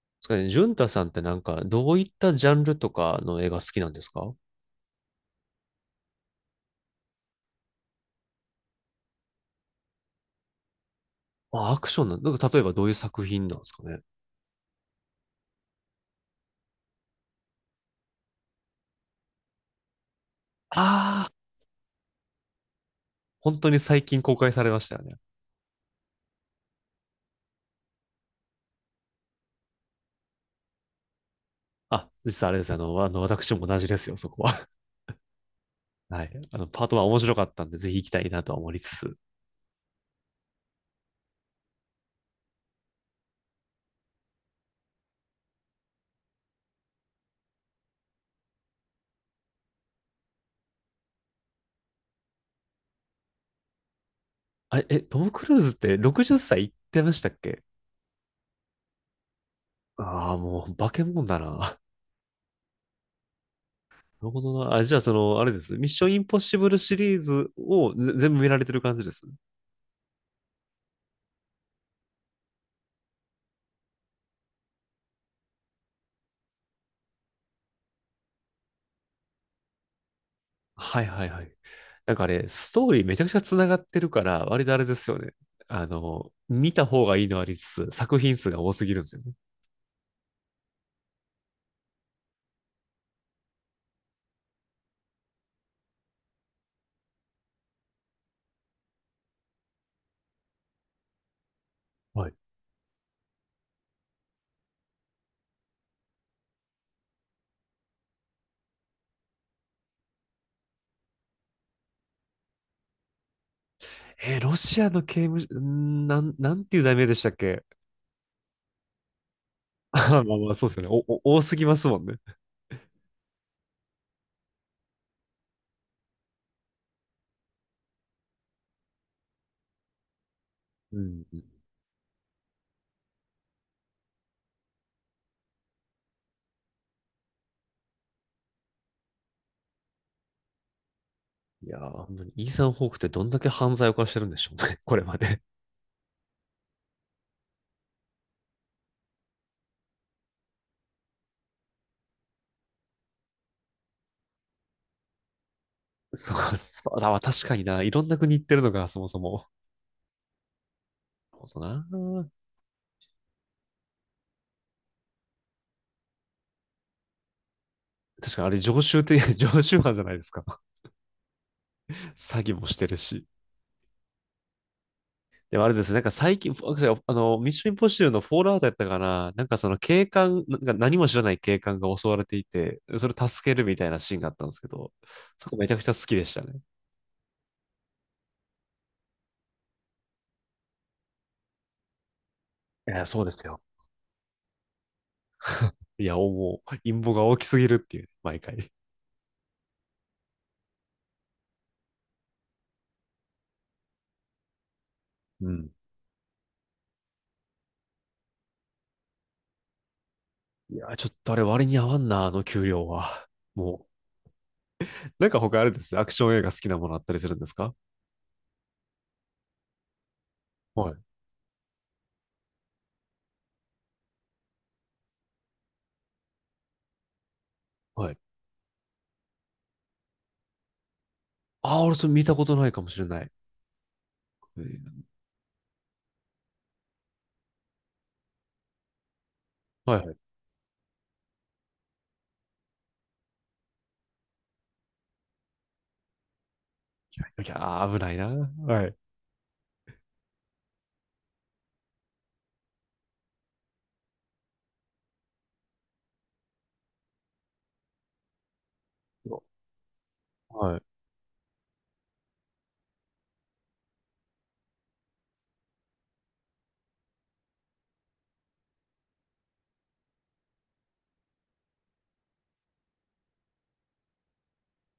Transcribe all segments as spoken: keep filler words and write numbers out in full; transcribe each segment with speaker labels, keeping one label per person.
Speaker 1: ですかね、ジュンタさんってなんか、どういったジャンルとかの映画好きなんですか？あ、アクションな、なんか例えばどういう作品なんですかね。ああ、本当に最近公開されましたよね。あ、実はあれです。あの、あの私も同じですよ、そこは。はい。あの、パートは面白かったんで、ぜひ行きたいなとは思いつつ。あれ、え、トム・クルーズってろくじゅっさい行ってましたっけ？ああー、もう、化け物だな。なるほどな。あ、じゃあ、その、あれです。ミッション・インポッシブルシリーズをぜ全部見られてる感じです。はいはいはい。なんかあれ、ストーリーめちゃくちゃ繋がってるから、割とあれですよね。あの、見た方がいいのありつつ、作品数が多すぎるんですよね。はい。えーロシアの刑務所、んーなん、なんていう題名でしたっけ？ あまあまあ、そうですよね。お、お多すぎますもんね。うん。いやー、本当に、イーサン・ホークってどんだけ犯罪を犯してるんでしょうね。これまで。そう、そうだわ、確かにな。いろんな国行ってるのが、そもそも。そうだな。確かにあれ、常習って、常習犯じゃないですか。詐欺もしてるし。でもあれですね、なんか最近、あの、ミッションインポッシブルのフォールアウトやったかな、なんかその警官、なんか何も知らない警官が襲われていて、それを助けるみたいなシーンがあったんですけど、そこめちゃくちゃ好きでしたね。いや、そうですよ。いや、もう、陰謀が大きすぎるっていう、毎回。うん。いや、ちょっとあれ割に合わんな、あの給料は。もう、なんか他あれです。アクション映画好きなものあったりするんですか？はい。はい。ああ、俺それ見たことないかもしれない。うんはいはい。いやー、危ないな。はい。はい。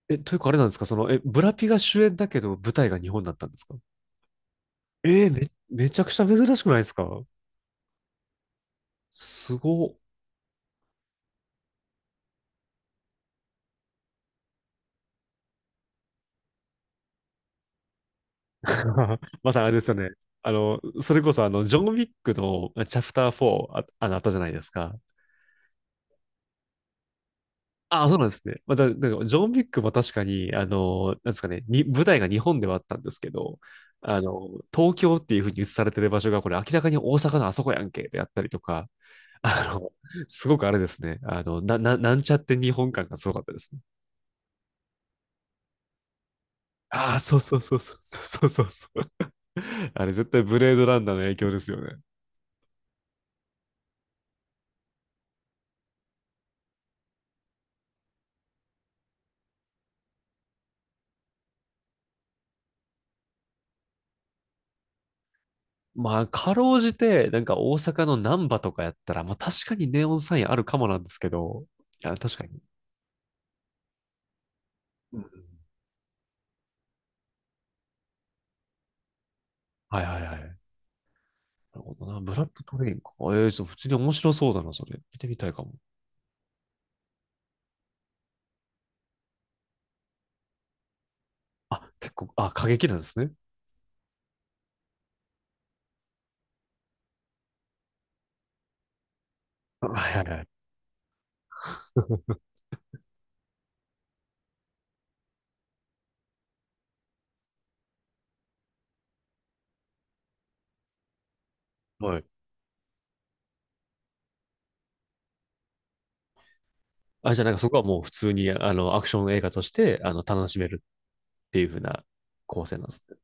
Speaker 1: え、というかあれなんですかその、え、ブラピが主演だけど舞台が日本だったんですか？えーめ、めちゃくちゃ珍しくないですか？すごっ。まさにあれですよね。あの、それこそあの、ジョン・ウィックのあチャプターフォーあ、あの、あったじゃないですか。あ、そうなんですね。また、なんからジョン・ウィックも確かに、あの、なんですかね、に、舞台が日本ではあったんですけど、あの、東京っていうふうに映されてる場所が、これ明らかに大阪のあそこやんけ、であったりとか、あの、すごくあれですね。あの、な、な、なんちゃって日本感がすごかったですね。ああ、そうそうそうそうそうそうそうそう。あれ絶対ブレードランナーの影響ですよね。まあ、かろうじて、なんか大阪の難波とかやったら、まあ確かにネオンサインあるかもなんですけど、いや、確かに。うんはいはいはい。なるほどな。ブラックトレインか。ええー、ちょっと普通に面白そうだな、それ。見てみたいかも。あ、結構、あ、過激なんですね。はいはいはい。はい。あ、じゃあなんかそこはもう普通に、あの、アクション映画として、あの、楽しめるっていう風な構成なんですね。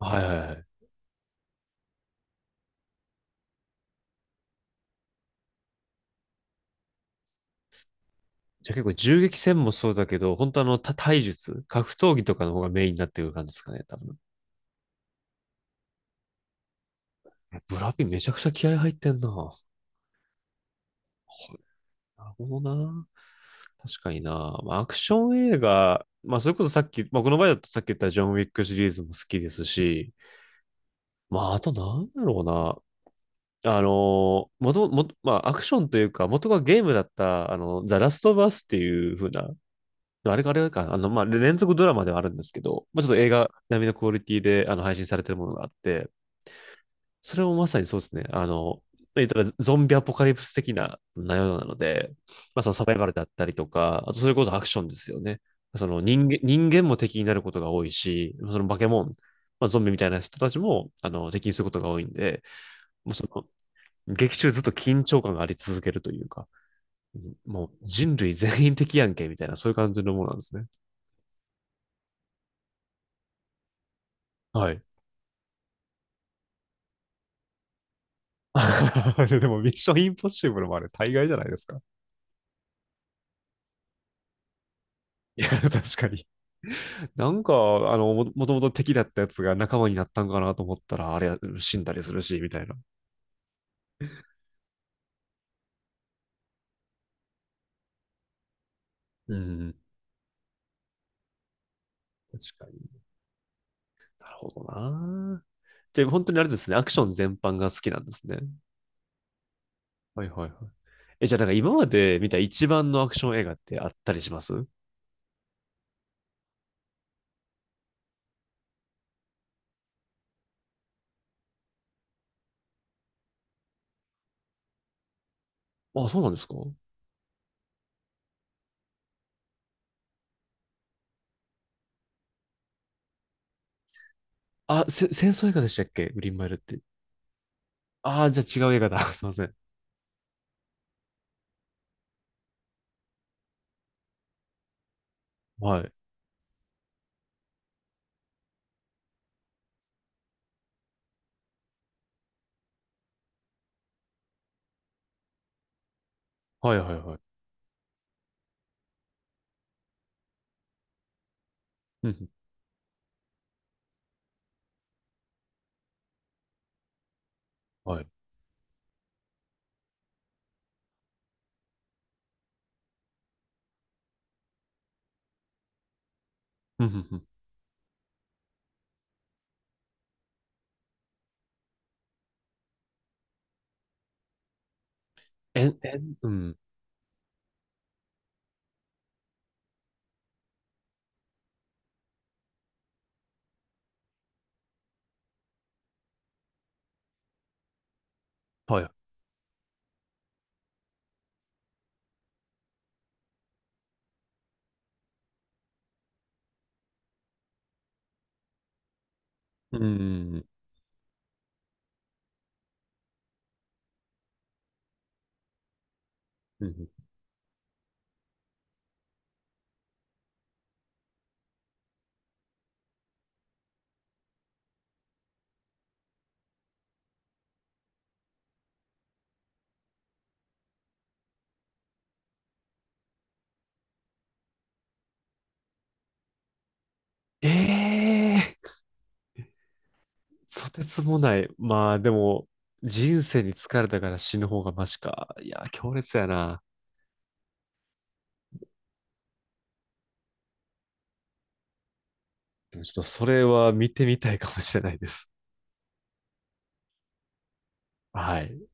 Speaker 1: はいはいはい。じゃあ結構銃撃戦もそうだけど、本当あの、た体術、格闘技とかの方がメインになってくる感じですかね、多分。ブラピめちゃくちゃ気合入ってんな。なるほどな。確かにな。まあ、アクション映画、まあ、それこそさっき、まあ、この場合だとさっき言ったジョン・ウィックシリーズも好きですし、まあ、あとなんだろうな。あのもともと、まあ、アクションというか、元がゲームだった、あの、ザ・ラスト・バスっていう風なあれかあれか、あの、まあ、連続ドラマではあるんですけど、まあ、ちょっと映画並みのクオリティであの配信されてるものがあって、それもまさにそうですね、あの、言ったらゾンビアポカリプス的な内容なので、まあ、そのサバイバルだったりとか、あとそれこそアクションですよね。その人間人間も敵になることが多いし、その化け物、まあ、ゾンビみたいな人たちもあの敵にすることが多いんで、もうその劇中ずっと緊張感があり続けるというか、もう人類全員敵やんけみたいな、そういう感じのものなんですね。はい。でも、ミッションインポッシブルもあれ、大概じゃないですか。いや、確かに。なんか、あの、ももともと敵だったやつが仲間になったんかなと思ったら、あれ、死んだりするし、みたいな。うん。確かになるほどな。じゃあ、本当にあれですね、アクション全般が好きなんですね。はいはいはい。え、じゃあ、なんか今まで見た一番のアクション映画ってあったりします？あ、そうなんですか？あ、せ戦争映画でしたっけグリーンマイルって。ああ、じゃあ違う映画だ。すいません。はい。はいはいはい。うんうんはい。うんうんうんえん、えん、うん。はい。うん。うんええーとてつもない。まあでも、人生に疲れたから死ぬ方がマシか。いや、強烈やな。でもちょっとそれは見てみたいかもしれないです。はい。